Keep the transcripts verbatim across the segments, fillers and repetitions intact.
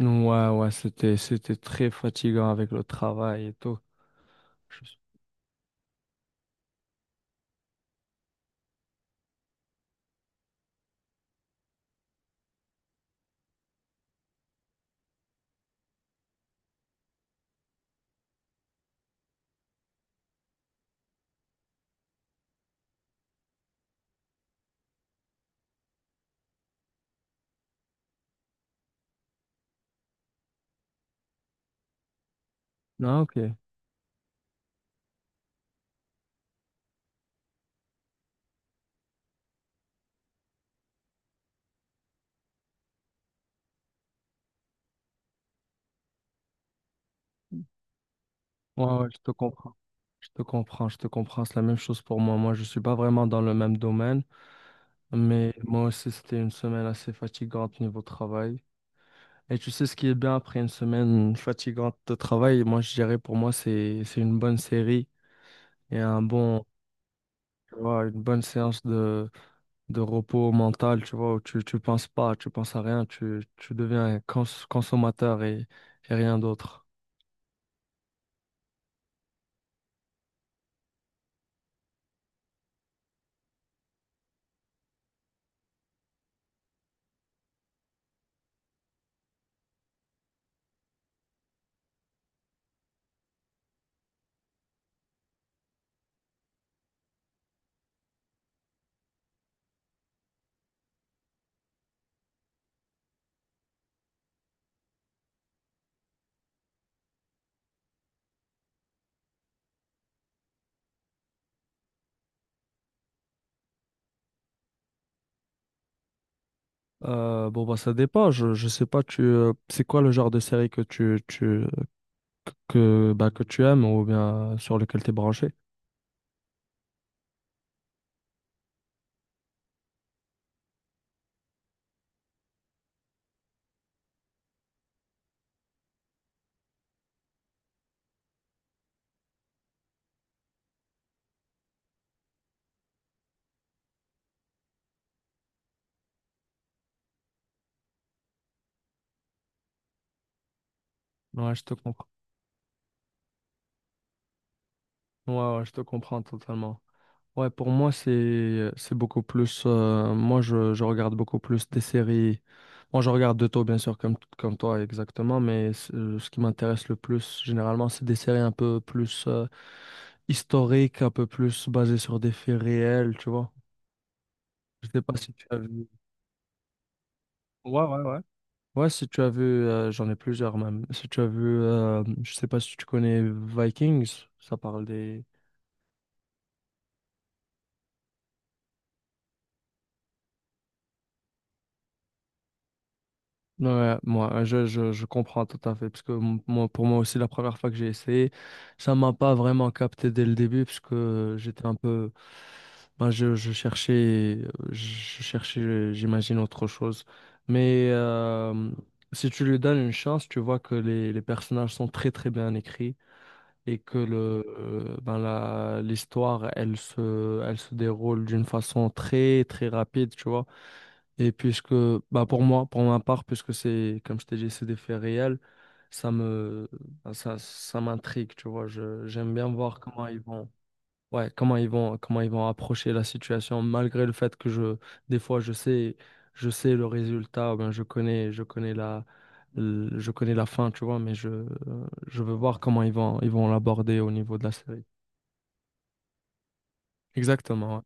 Ouais, ouais, c'était, c'était très fatigant avec le travail et tout. Je Ah, ok. Ouais, ouais, je te comprends. Je te comprends, je te comprends. C'est la même chose pour moi. Moi, je suis pas vraiment dans le même domaine, mais moi aussi, c'était une semaine assez fatigante niveau travail. Et tu sais ce qui est bien après une semaine fatigante de travail, moi, je dirais pour moi, c'est, c'est une bonne série et un bon, tu vois, une bonne séance de, de repos mental, tu vois, où tu, tu penses pas, tu penses à rien, tu, tu deviens un cons- consommateur et, et rien d'autre. Euh, bon, bah, ça dépend, je, je sais pas, tu, euh, c'est quoi le genre de série que tu, tu, que, bah, que tu aimes ou bien euh, sur lequel tu es branché? Ouais, je te comprends. Ouais, ouais, je te comprends totalement. Ouais, pour moi, c'est c'est beaucoup plus. euh, moi, je, je regarde beaucoup plus des séries. Moi, je regarde de tout, bien sûr, comme, comme toi, exactement. Mais ce euh, ce qui m'intéresse le plus, généralement, c'est des séries un peu plus euh, historiques, un peu plus basées sur des faits réels, tu vois. Je sais pas si tu as vu. Ouais, ouais, ouais. Ouais, si tu as vu, euh, j'en ai plusieurs même. Si tu as vu, euh, je sais pas si tu connais Vikings, ça parle des, ouais, ouais, moi, euh, je, je, je comprends tout à fait, parce que m- moi, pour moi aussi, la première fois que j'ai essayé, ça m'a pas vraiment capté dès le début, parce que j'étais un peu, ben, je, je cherchais, euh, je cherchais, euh, j'imagine autre chose. Mais euh, si tu lui donnes une chance, tu vois que les, les personnages sont très très bien écrits et que le, euh, ben, la, l'histoire, elle se, elle se déroule d'une façon très très rapide, tu vois. Et puisque, bah pour moi, pour ma part, puisque c'est, comme je t'ai dit, c'est des faits réels, ça me, bah, ça, ça m'intrigue, tu vois. Je, j'aime bien voir comment ils vont, ouais, comment ils vont, comment ils vont approcher la situation, malgré le fait que je, des fois, je sais, je sais le résultat, ben, je connais, je connais la, le- je connais la fin, tu vois, mais je, euh, je veux voir comment ils vont, ils vont l'aborder au niveau de la série. Exactement, ouais.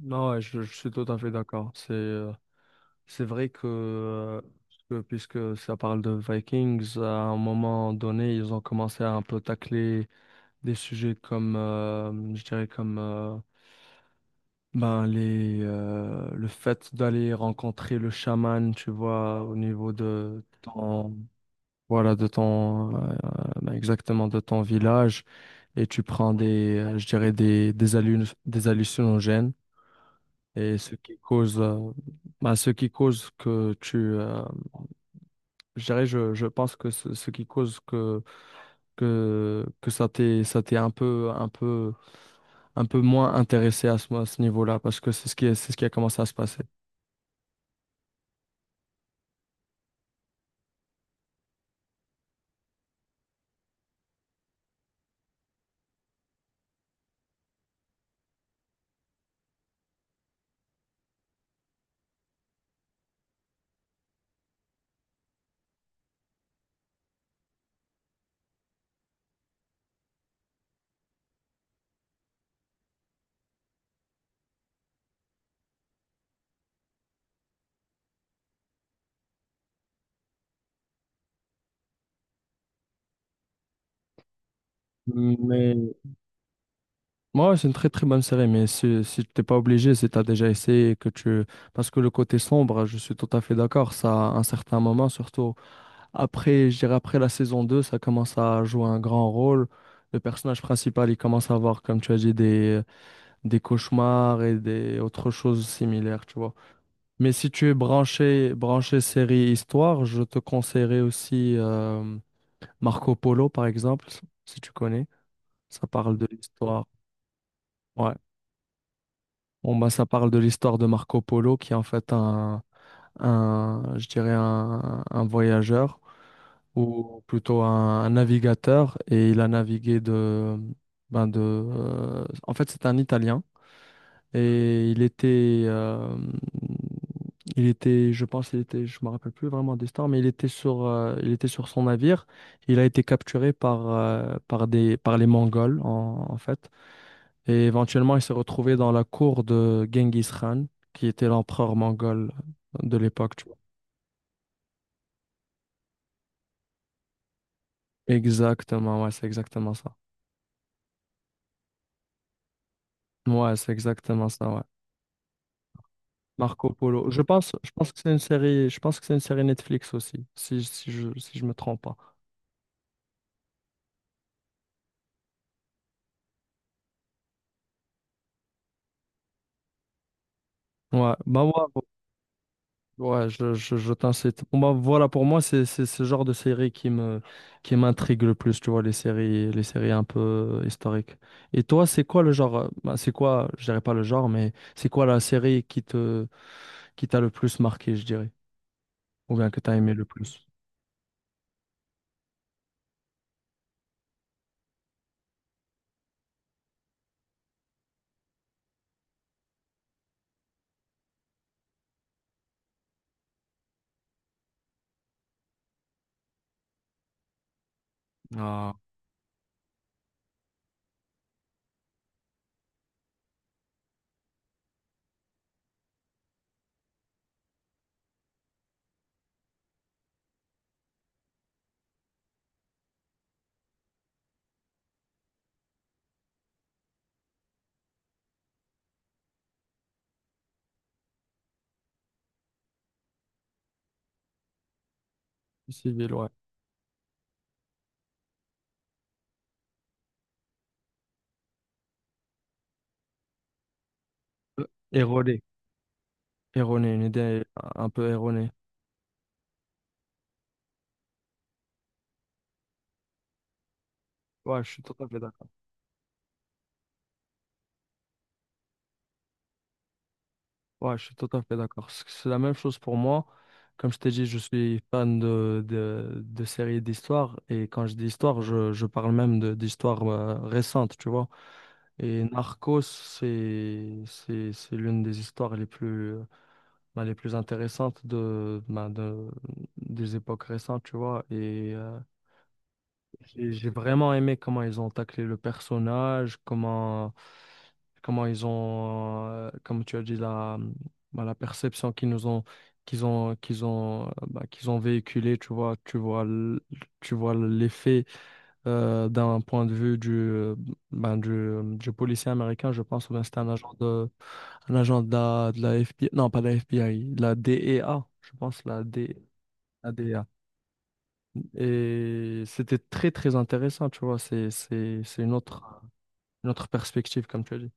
Non, ouais, je, je suis tout à fait d'accord. C'est, euh, C'est vrai que, euh, que puisque ça parle de Vikings, à un moment donné, ils ont commencé à un peu tacler des sujets comme, euh, je dirais comme, euh, ben les, euh, le fait d'aller rencontrer le chaman, tu vois, au niveau de ton, voilà, de ton, euh, ben exactement de ton village, et tu prends des, euh, je dirais des, des hallu- des hallucinogènes, et ce qui cause, euh, ben, ce qui cause que tu, euh, je dirais, je, je pense que ce, ce qui cause que, que, que ça t'est, ça t'est un peu, un peu, un peu moins intéressé à ce, à ce niveau-là, parce que c'est ce qui est, c'est ce qui a commencé à se passer. Mais moi, ouais, c'est une très très bonne série, mais si, si tu t'es pas obligé, si t'as déjà essayé, et que tu... Parce que le côté sombre, je suis tout à fait d'accord, ça, à un certain moment, surtout après, je dirais après la saison deux ça commence à jouer un grand rôle. Le personnage principal, il commence à avoir, comme tu as dit, des, des cauchemars et des autres choses similaires, tu vois. Mais si tu es branché, branché série histoire, je te conseillerais aussi euh, Marco Polo, par exemple, si tu connais. Ça parle de l'histoire. Ouais. Bon, bah, ça parle de l'histoire de Marco Polo, qui est en fait un, un je dirais un, un voyageur, ou plutôt un, un navigateur, et il a navigué de, ben de, euh, en fait, c'est un Italien. Et il était, euh, il était, je pense, il était, je me rappelle plus vraiment des stars, mais il était sur, euh, il était sur son navire. Il a été capturé par, euh, par des, par les Mongols en, en fait. Et éventuellement, il s'est retrouvé dans la cour de Genghis Khan, qui était l'empereur mongol de l'époque. Tu vois. Exactement, ouais, c'est exactement ça. Ouais, c'est exactement ça, ouais. Marco Polo. Je pense, je pense que c'est une série, je pense que c'est une série Netflix aussi, si, si je, si je me trompe pas. Ouais, bah ouais, ouais, je, je, je t'incite. Bon, bah, voilà, pour moi, c'est c'est ce genre de série qui me, qui m'intrigue le plus, tu vois, les séries, les séries un peu historiques. Et toi, c'est quoi le genre, euh, bah, c'est quoi, je dirais pas le genre, mais c'est quoi la série qui te, qui t'a le plus marqué, je dirais, ou bien que t'as aimé le plus? Ah. Civil, ouais. Euh, Erroné. Erroné, une idée un peu erronée. Ouais, je suis tout à fait d'accord. Ouais, je suis tout à fait d'accord. C- C'est la même chose pour moi. Comme je t'ai dit, je suis fan de, de, de séries d'histoire. Et quand je dis histoire, je, je parle même de, d'histoire euh, récente, tu vois. Et Narcos, c'est, c'est, c'est l'une des histoires les plus, euh, bah, les plus intéressantes de, bah, de, des époques récentes, tu vois. Et euh, j'ai j'ai vraiment aimé comment ils ont taclé le personnage, comment, comment ils ont, euh, comme tu as dit, la, bah, la perception qu'ils nous ont, qu'ils ont, qu'ils ont, euh, bah, qu'ils ont véhiculé, tu vois, tu vois, l- tu vois l'effet euh, d'un point de vue du, euh, ben, du, du policier américain, je pense, ou bien c'était un agent de, un agent de la, de la F B I, non, pas de la F B I, de la D E A, je pense, la D, et c'était très, très intéressant, tu vois. C'est, c'est, c'est une autre, une autre perspective, comme tu as dit.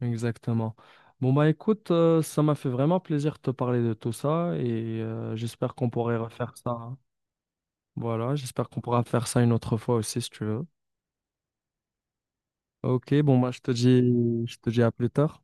Exactement. Bon, bah écoute, euh, ça m'a fait vraiment plaisir de te parler de tout ça et euh, j'espère qu'on pourrait refaire ça. Hein. Voilà, j'espère qu'on pourra faire ça une autre fois aussi, si tu veux. Ok, bon, bah je te dis, je te dis à plus tard.